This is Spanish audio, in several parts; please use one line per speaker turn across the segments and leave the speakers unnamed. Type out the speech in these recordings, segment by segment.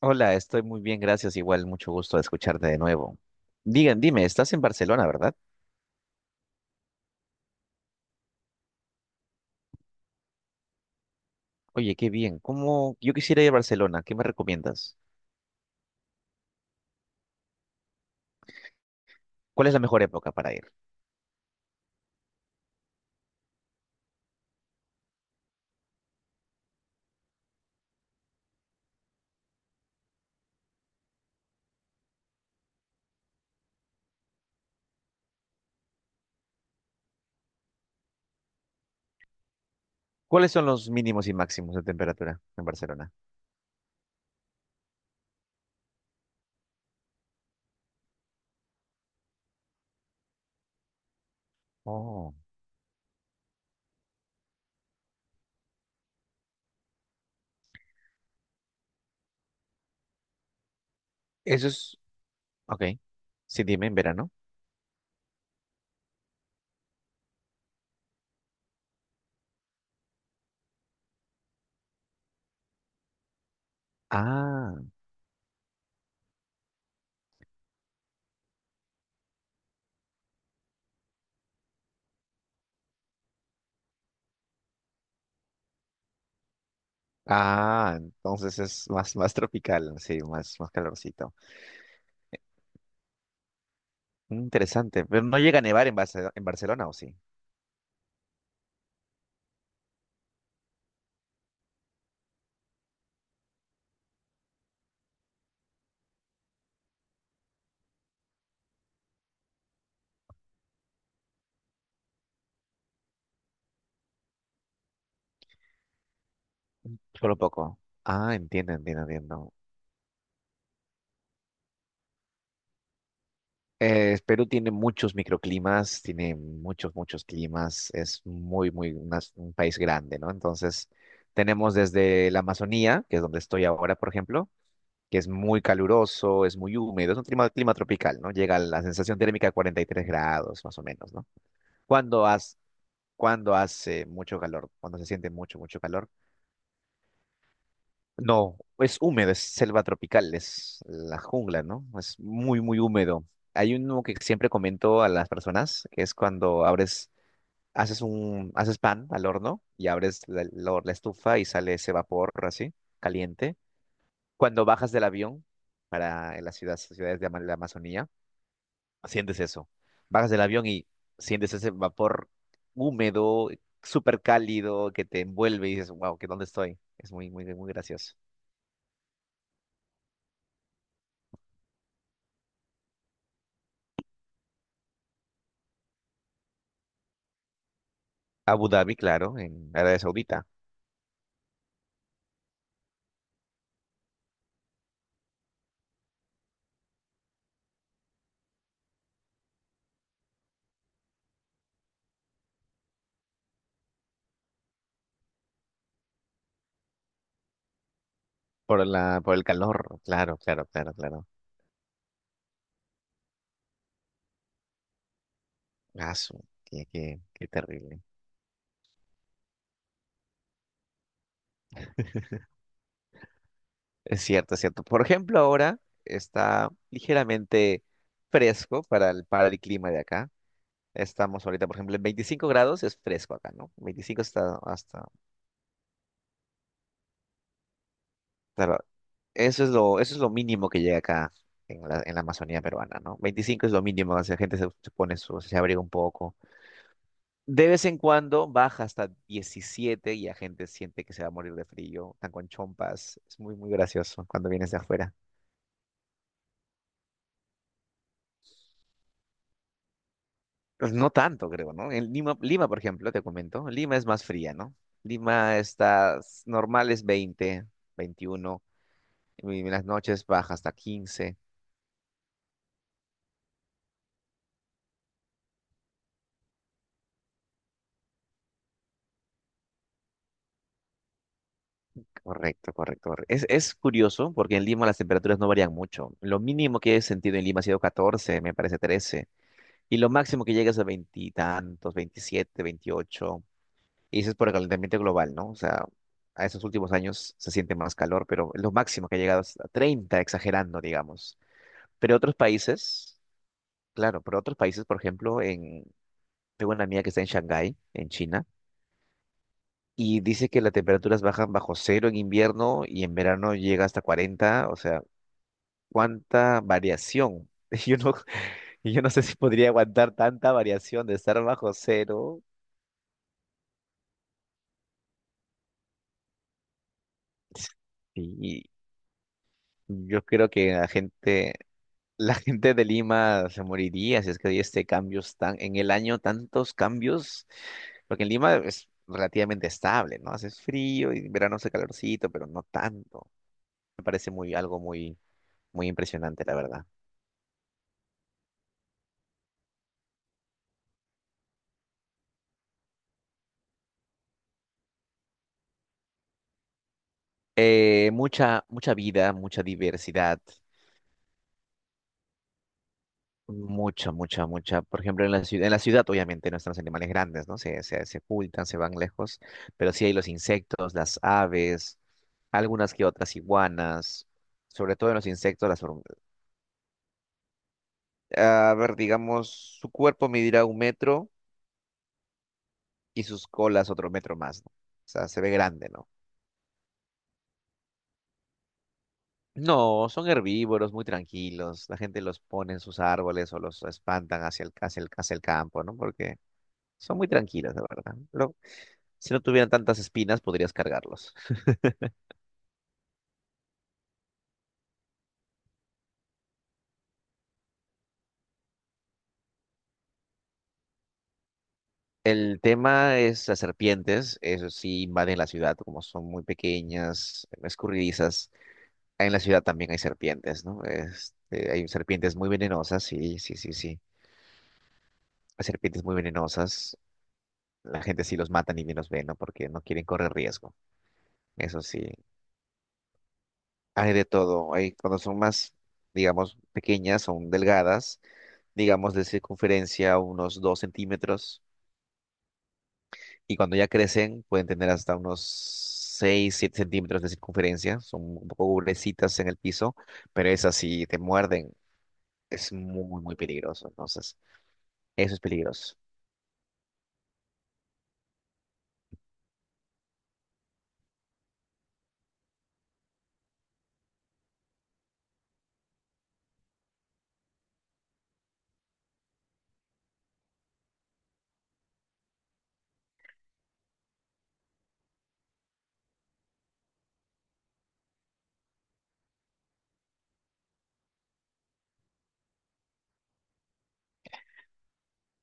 Hola, estoy muy bien, gracias. Igual, mucho gusto de escucharte de nuevo. Dime, estás en Barcelona, ¿verdad? Oye, qué bien. ¿Cómo? Yo quisiera ir a Barcelona. ¿Qué me recomiendas? ¿Cuál es la mejor época para ir? ¿Cuáles son los mínimos y máximos de temperatura en Barcelona? Oh, eso es. Ok. Sí, dime, en verano. Ah, ah, entonces es más, más tropical, sí, más, más calorcito. Interesante. Pero no llega a nevar en en Barcelona, ¿o sí? Solo poco. Ah, entiendo, entiendo, entiendo. Perú tiene muchos microclimas, tiene muchos, muchos climas, es muy, muy un país grande, ¿no? Entonces, tenemos desde la Amazonía, que es donde estoy ahora, por ejemplo, que es muy caluroso, es muy húmedo, es un clima tropical, ¿no? Llega la sensación térmica a 43 grados, más o menos, ¿no? Cuando has, cuando hace mucho calor, cuando se siente mucho, mucho calor. No, es húmedo, es selva tropical, es la jungla, ¿no? Es muy, muy húmedo. Hay uno que siempre comento a las personas, que es cuando abres, haces pan al horno y abres la estufa y sale ese vapor así, caliente. Cuando bajas del avión para las ciudades, ciudades de la Amazonía, sientes eso. Bajas del avión y sientes ese vapor húmedo, súper cálido, que te envuelve y dices, wow, ¿qué dónde estoy? Es muy, muy, muy gracioso. Abu Dhabi, claro, en Arabia Saudita, por el calor, claro, claro, claro, claro. Ah, qué, qué, qué terrible. Es cierto, es cierto. Por ejemplo, ahora está ligeramente fresco para para el clima de acá. Estamos ahorita, por ejemplo, en 25 grados es fresco acá, ¿no? 25 está hasta, claro, eso es lo mínimo que llega acá en en la Amazonía peruana, ¿no? 25 es lo mínimo, o sea, la se pone se abriga un poco. De vez en cuando baja hasta 17 y la gente siente que se va a morir de frío, están con chompas. Es muy, muy gracioso cuando vienes de afuera. Pues no tanto, creo, ¿no? En Lima, por ejemplo, te comento, Lima es más fría, ¿no? Lima está, normal es 20, 21. Y en las noches baja hasta 15. Correcto, correcto, correcto. Es curioso porque en Lima las temperaturas no varían mucho. Lo mínimo que he sentido en Lima ha sido 14, me parece 13. Y lo máximo que llegas a veintitantos, 27, 28. Y eso es por el calentamiento global, ¿no? O sea, a esos últimos años se siente más calor, pero lo máximo que ha llegado es a 30, exagerando, digamos. Pero otros países, claro, pero otros países, por ejemplo, en, tengo una amiga que está en Shanghái, en China, y dice que las temperaturas bajan bajo cero en invierno y en verano llega hasta 40, o sea, ¿cuánta variación? Yo no, yo no sé si podría aguantar tanta variación de estar bajo cero. Sí, y yo creo que la gente, la gente de Lima se moriría si es que hay este cambios tan en el año tantos cambios, porque en Lima es relativamente estable, ¿no? Hace frío y en verano hace calorcito, pero no tanto. Me parece muy algo muy muy impresionante, la verdad. Mucha mucha vida, mucha diversidad. Mucha, mucha, mucha. Por ejemplo, en la ciudad obviamente no están los animales grandes, ¿no? Se ocultan, se van lejos, pero sí hay los insectos, las aves, algunas que otras iguanas, sobre todo en los insectos, las hormigas. A ver, digamos, su cuerpo medirá un metro y sus colas otro metro más, ¿no? O sea, se ve grande, ¿no? No, son herbívoros, muy tranquilos. La gente los pone en sus árboles o los espantan hacia hacia el campo, ¿no? Porque son muy tranquilos, de verdad, ¿no? Lo, si no tuvieran tantas espinas, podrías cargarlos. El tema es las serpientes, eso sí invaden la ciudad, como son muy pequeñas, escurridizas. En la ciudad también hay serpientes, ¿no? Este, hay serpientes muy venenosas, sí, sí, sí, sí. Hay serpientes muy venenosas. La gente sí los mata ni bien los ve, ¿no? Porque no quieren correr riesgo. Eso sí. Hay de todo. Hay, cuando son más, digamos, pequeñas, son delgadas, digamos, de circunferencia unos 2 centímetros. Y cuando ya crecen, pueden tener hasta unos 6 7 centímetros de circunferencia. Son un poco gruesitas en el piso, pero esas si te muerden. Es muy, muy peligroso. Entonces, eso es peligroso.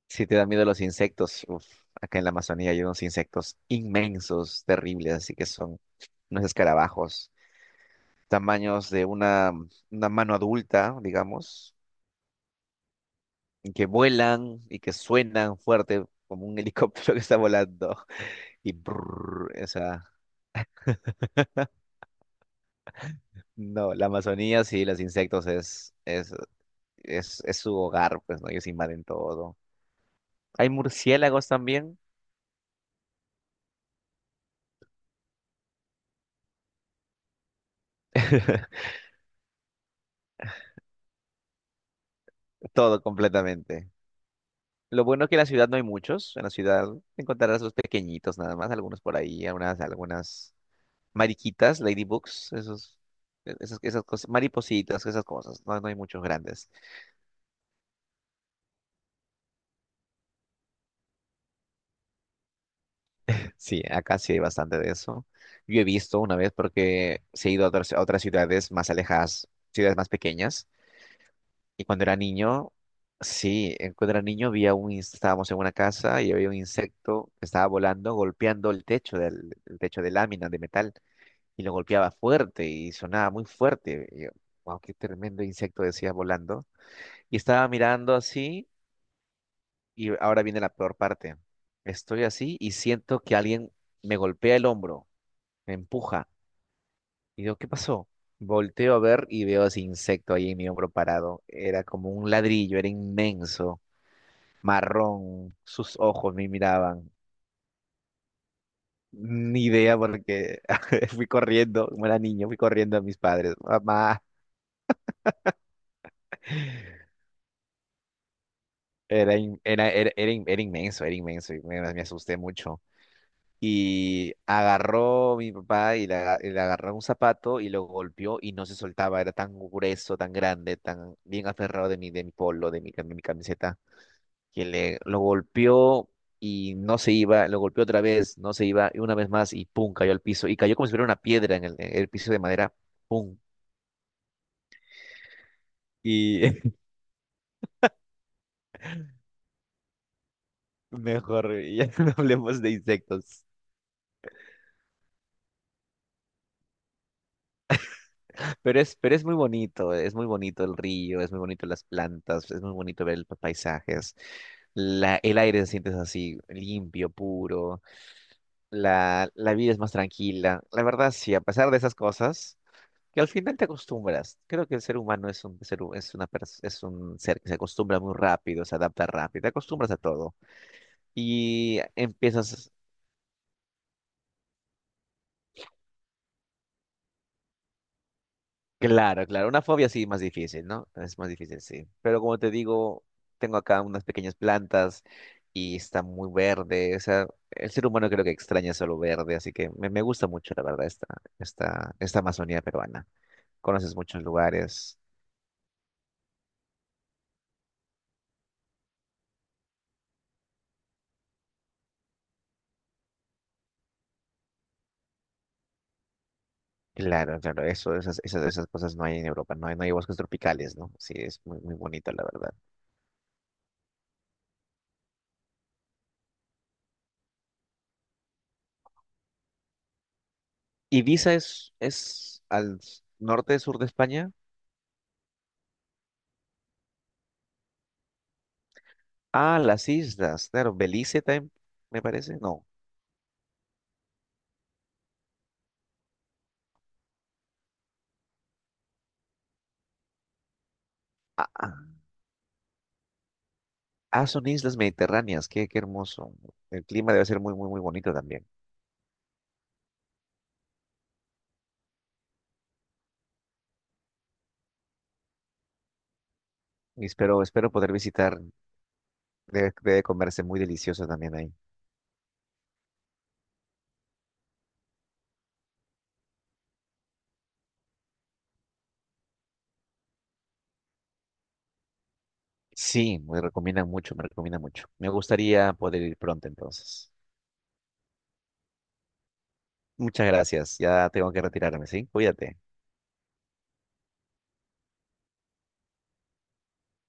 Si te da miedo los insectos, uf, acá en la Amazonía hay unos insectos inmensos, terribles, así que son unos escarabajos, tamaños de una mano adulta, digamos, y que vuelan y que suenan fuerte como un helicóptero que está volando. Y brrr, o sea, no, la Amazonía sí, los insectos es su hogar, pues, ¿no? Ellos invaden todo. Hay murciélagos también, todo completamente. Lo bueno es que en la ciudad no hay muchos. En la ciudad encontrarás los pequeñitos nada más, algunos por ahí, algunas mariquitas, ladybugs, esos, esas cosas, maripositas, esas cosas. No, no hay muchos grandes. Sí, acá sí hay bastante de eso. Yo he visto una vez porque se he ido a a otras ciudades más alejadas, ciudades más pequeñas. Y cuando era niño, sí, cuando era niño había un, estábamos en una casa y había un insecto que estaba volando, golpeando el techo el techo de lámina de metal y lo golpeaba fuerte y sonaba muy fuerte. Y yo, wow, qué tremendo insecto decía volando. Y estaba mirando así, y ahora viene la peor parte. Estoy así y siento que alguien me golpea el hombro, me empuja. Y digo, ¿qué pasó? Volteo a ver y veo ese insecto ahí en mi hombro parado. Era como un ladrillo, era inmenso, marrón, sus ojos me miraban. Ni idea porque fui corriendo, como era niño, fui corriendo a mis padres. Mamá, era, in- era, era, era, in- era inmenso y me asusté mucho. Y agarró mi papá y le agarró un zapato y lo golpeó y no se soltaba, era tan grueso, tan grande, tan bien aferrado de de mi polo, de mi camiseta. Que le lo golpeó y no se iba, lo golpeó otra vez, no se iba, y una vez más, y pum, cayó al piso, y cayó como si fuera una piedra en en el piso de madera, pum. Y mejor, ya no hablemos de insectos. Pero es muy bonito el río, es muy bonito las plantas, es muy bonito ver los paisajes. El aire se siente así, limpio, puro. La vida es más tranquila. La verdad, sí, a pesar de esas cosas, que al final te acostumbras. Creo que el ser humano es un es una es un ser que se acostumbra muy rápido, se adapta rápido, te acostumbras a todo. Y empiezas, claro, claro, una fobia sí más difícil, ¿no? Es más difícil, sí. Pero como te digo, tengo acá unas pequeñas plantas y está muy verde. O sea, el ser humano creo que extraña solo verde, así que me gusta mucho, la verdad, esta, esta Amazonía peruana. Conoces muchos lugares. Claro, claro, eso, esas cosas no hay en Europa, no hay, no hay bosques tropicales, ¿no? Sí, es muy, muy bonito, la verdad. Ibiza es al norte, sur de España. Ah, las islas, claro, Belice también, me parece, no. Ah, ah, son islas mediterráneas, qué, qué hermoso. El clima debe ser muy, muy, muy bonito también. Y espero, espero poder visitar, debe, debe comerse muy delicioso también ahí. Sí, me recomiendan mucho, me recomiendan mucho. Me gustaría poder ir pronto entonces. Muchas gracias, ya tengo que retirarme, ¿sí? Cuídate.